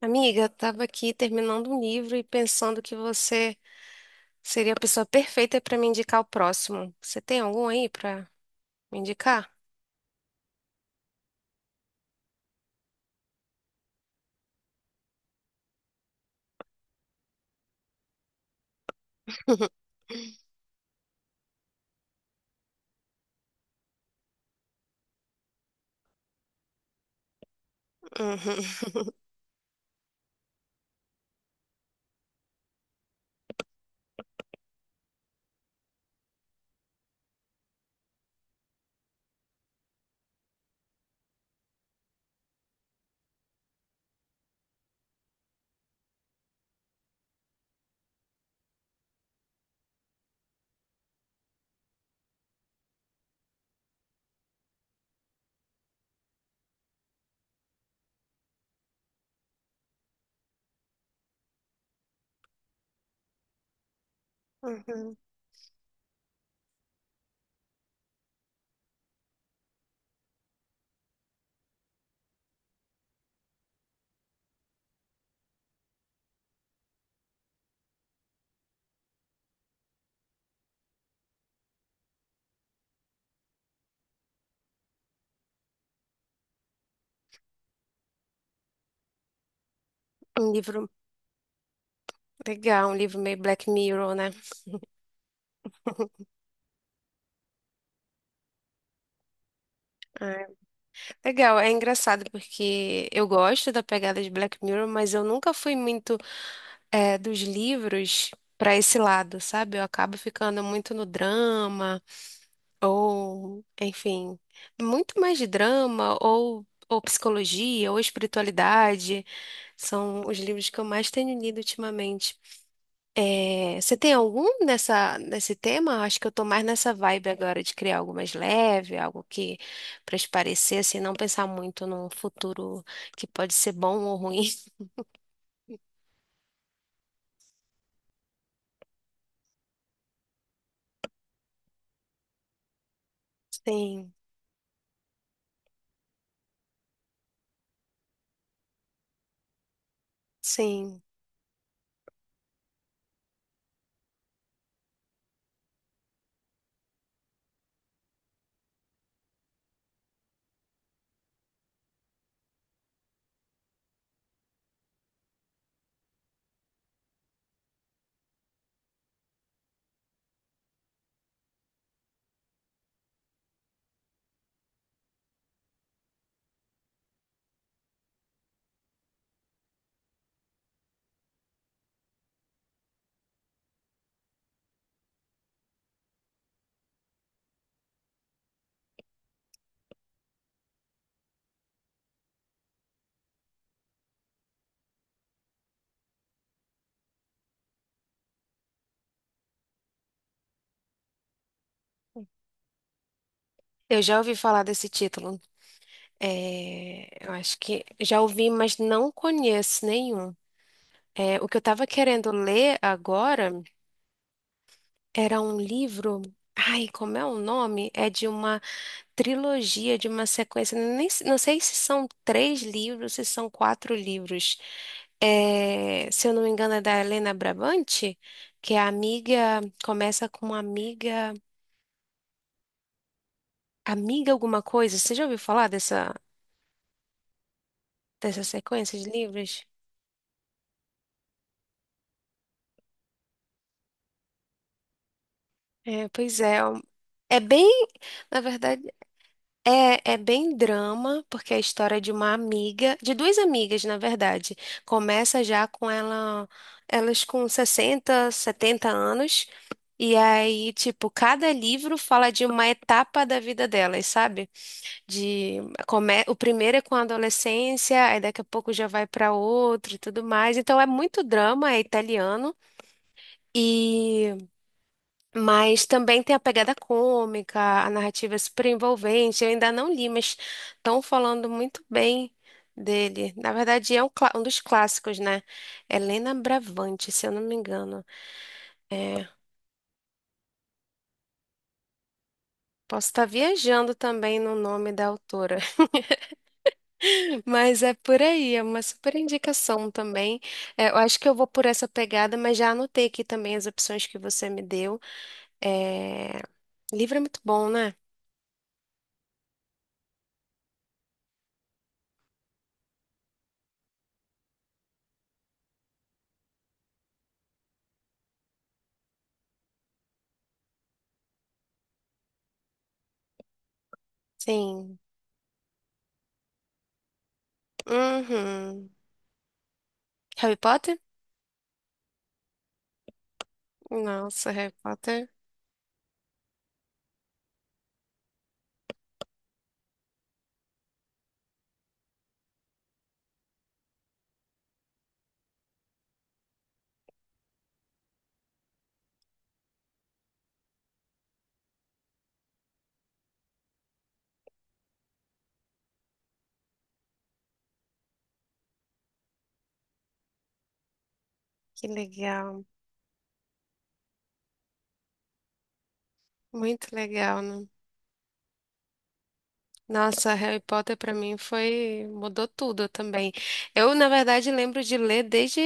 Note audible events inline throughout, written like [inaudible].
Amiga, eu tava aqui terminando um livro e pensando que você seria a pessoa perfeita para me indicar o próximo. Você tem algum aí para me indicar? [laughs] Uhum. Uhum. Um livro legal, um livro meio Black Mirror, né? [laughs] Ah, legal. É engraçado porque eu gosto da pegada de Black Mirror, mas eu nunca fui muito dos livros para esse lado, sabe? Eu acabo ficando muito no drama ou, enfim, muito mais de drama ou psicologia ou espiritualidade. São os livros que eu mais tenho lido ultimamente. É, você tem algum nesse tema? Acho que eu tô mais nessa vibe agora de criar algo mais leve, algo que para espairecer, assim, não pensar muito num futuro que pode ser bom ou ruim. [laughs] Sim, sim. Eu já ouvi falar desse título. É, eu acho que já ouvi, mas não conheço nenhum. É, o que eu estava querendo ler agora. Era um livro. Ai, como é o nome? É de uma trilogia, de uma sequência. Nem, não sei se são três livros, se são quatro livros. É, se eu não me engano, é da Helena Brabante, que é a amiga. Começa com amiga. Amiga alguma coisa. Você já ouviu falar dessa sequência de livros? É, pois é. É bem. Na verdade. É bem drama, porque é a história de uma amiga, de duas amigas, na verdade. Começa já com ela, elas com 60, 70 anos, e aí, tipo, cada livro fala de uma etapa da vida delas, sabe? De, o primeiro é com a adolescência, aí daqui a pouco já vai para outro e tudo mais. Então é muito drama, é italiano. E mas também tem a pegada cômica, a narrativa é super envolvente. Eu ainda não li, mas estão falando muito bem dele. Na verdade, é um dos clássicos, né? Helena Bravante, se eu não me engano. É, posso estar viajando também no nome da autora, [laughs] mas é por aí, é uma super indicação também. É, eu acho que eu vou por essa pegada, mas já anotei aqui também as opções que você me deu. É, livro é muito bom, né? Sim. Uhum. Harry Potter? Nossa, Harry Potter, que legal. Muito legal, né? Nossa, Harry Potter pra mim foi mudou tudo também. Eu, na verdade, lembro de ler desde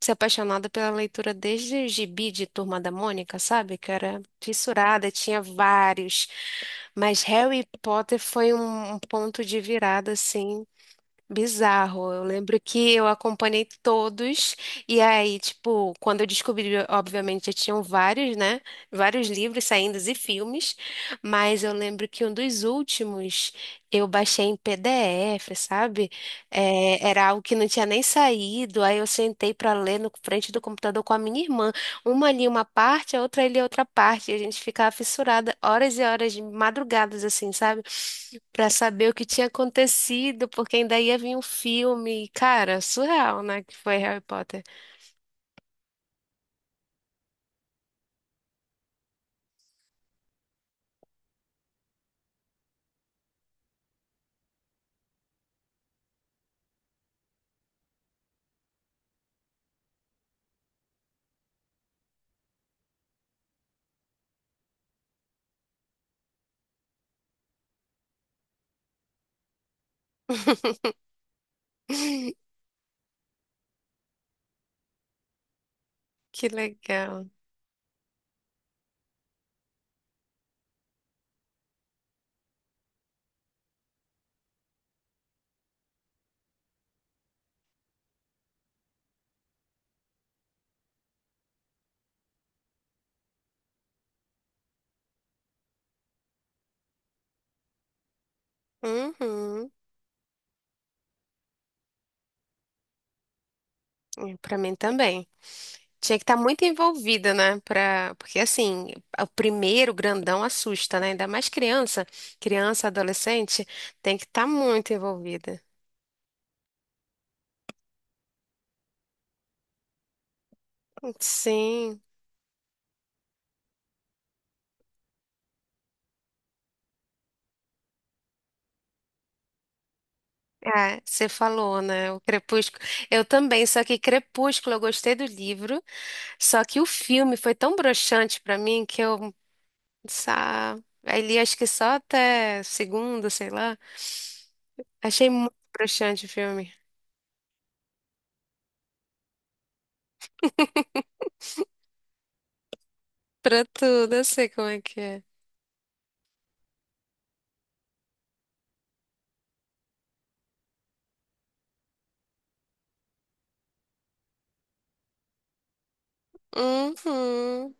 ser apaixonada pela leitura desde o gibi de Turma da Mônica, sabe? Que eu era fissurada, tinha vários. Mas Harry Potter foi um ponto de virada, assim, bizarro. Eu lembro que eu acompanhei todos, e aí, tipo, quando eu descobri, obviamente, já tinham vários, né? Vários livros saindo e filmes, mas eu lembro que um dos últimos eu baixei em PDF, sabe? É, era algo que não tinha nem saído, aí eu sentei pra ler no frente do computador com a minha irmã. Uma ali uma parte, a outra ali outra parte. E a gente ficava fissurada horas e horas de madrugadas, assim, sabe? Pra saber o que tinha acontecido, porque ainda ia vir um filme. Cara, surreal, né? Que foi Harry Potter. [laughs] Que legal. Uhum. É, pra mim também. Tinha que estar muito envolvida, né? Porque, assim, o primeiro grandão assusta, né? Ainda mais criança. Criança, adolescente, tem que estar muito envolvida. Sim. É, você falou, né? O Crepúsculo. Eu também, só que Crepúsculo eu gostei do livro, só que o filme foi tão broxante pra mim que eu sa- aí li acho que só até segunda, sei lá. Achei muito broxante o filme. Pra tudo, eu sei como é que é. Uhum,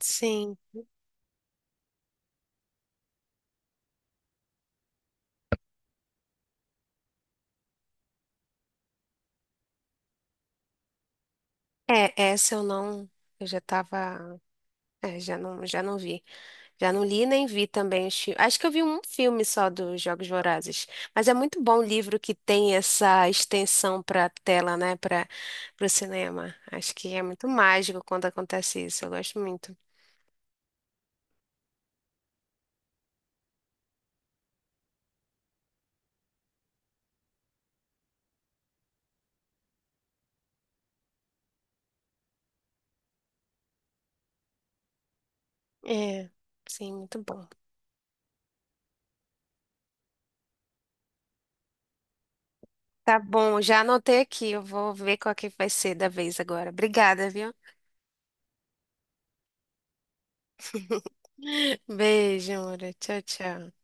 sim. É, essa eu não, eu já tava, já não vi. Já não li nem vi também os filmes. Acho que eu vi um filme só dos Jogos Vorazes. Mas é muito bom o livro que tem essa extensão para tela, né? Para o cinema. Acho que é muito mágico quando acontece isso. Eu gosto muito. É, sim, muito bom. Tá bom, já anotei aqui. Eu vou ver qual que vai ser da vez agora. Obrigada, viu? [laughs] Beijo, amor. Tchau, tchau.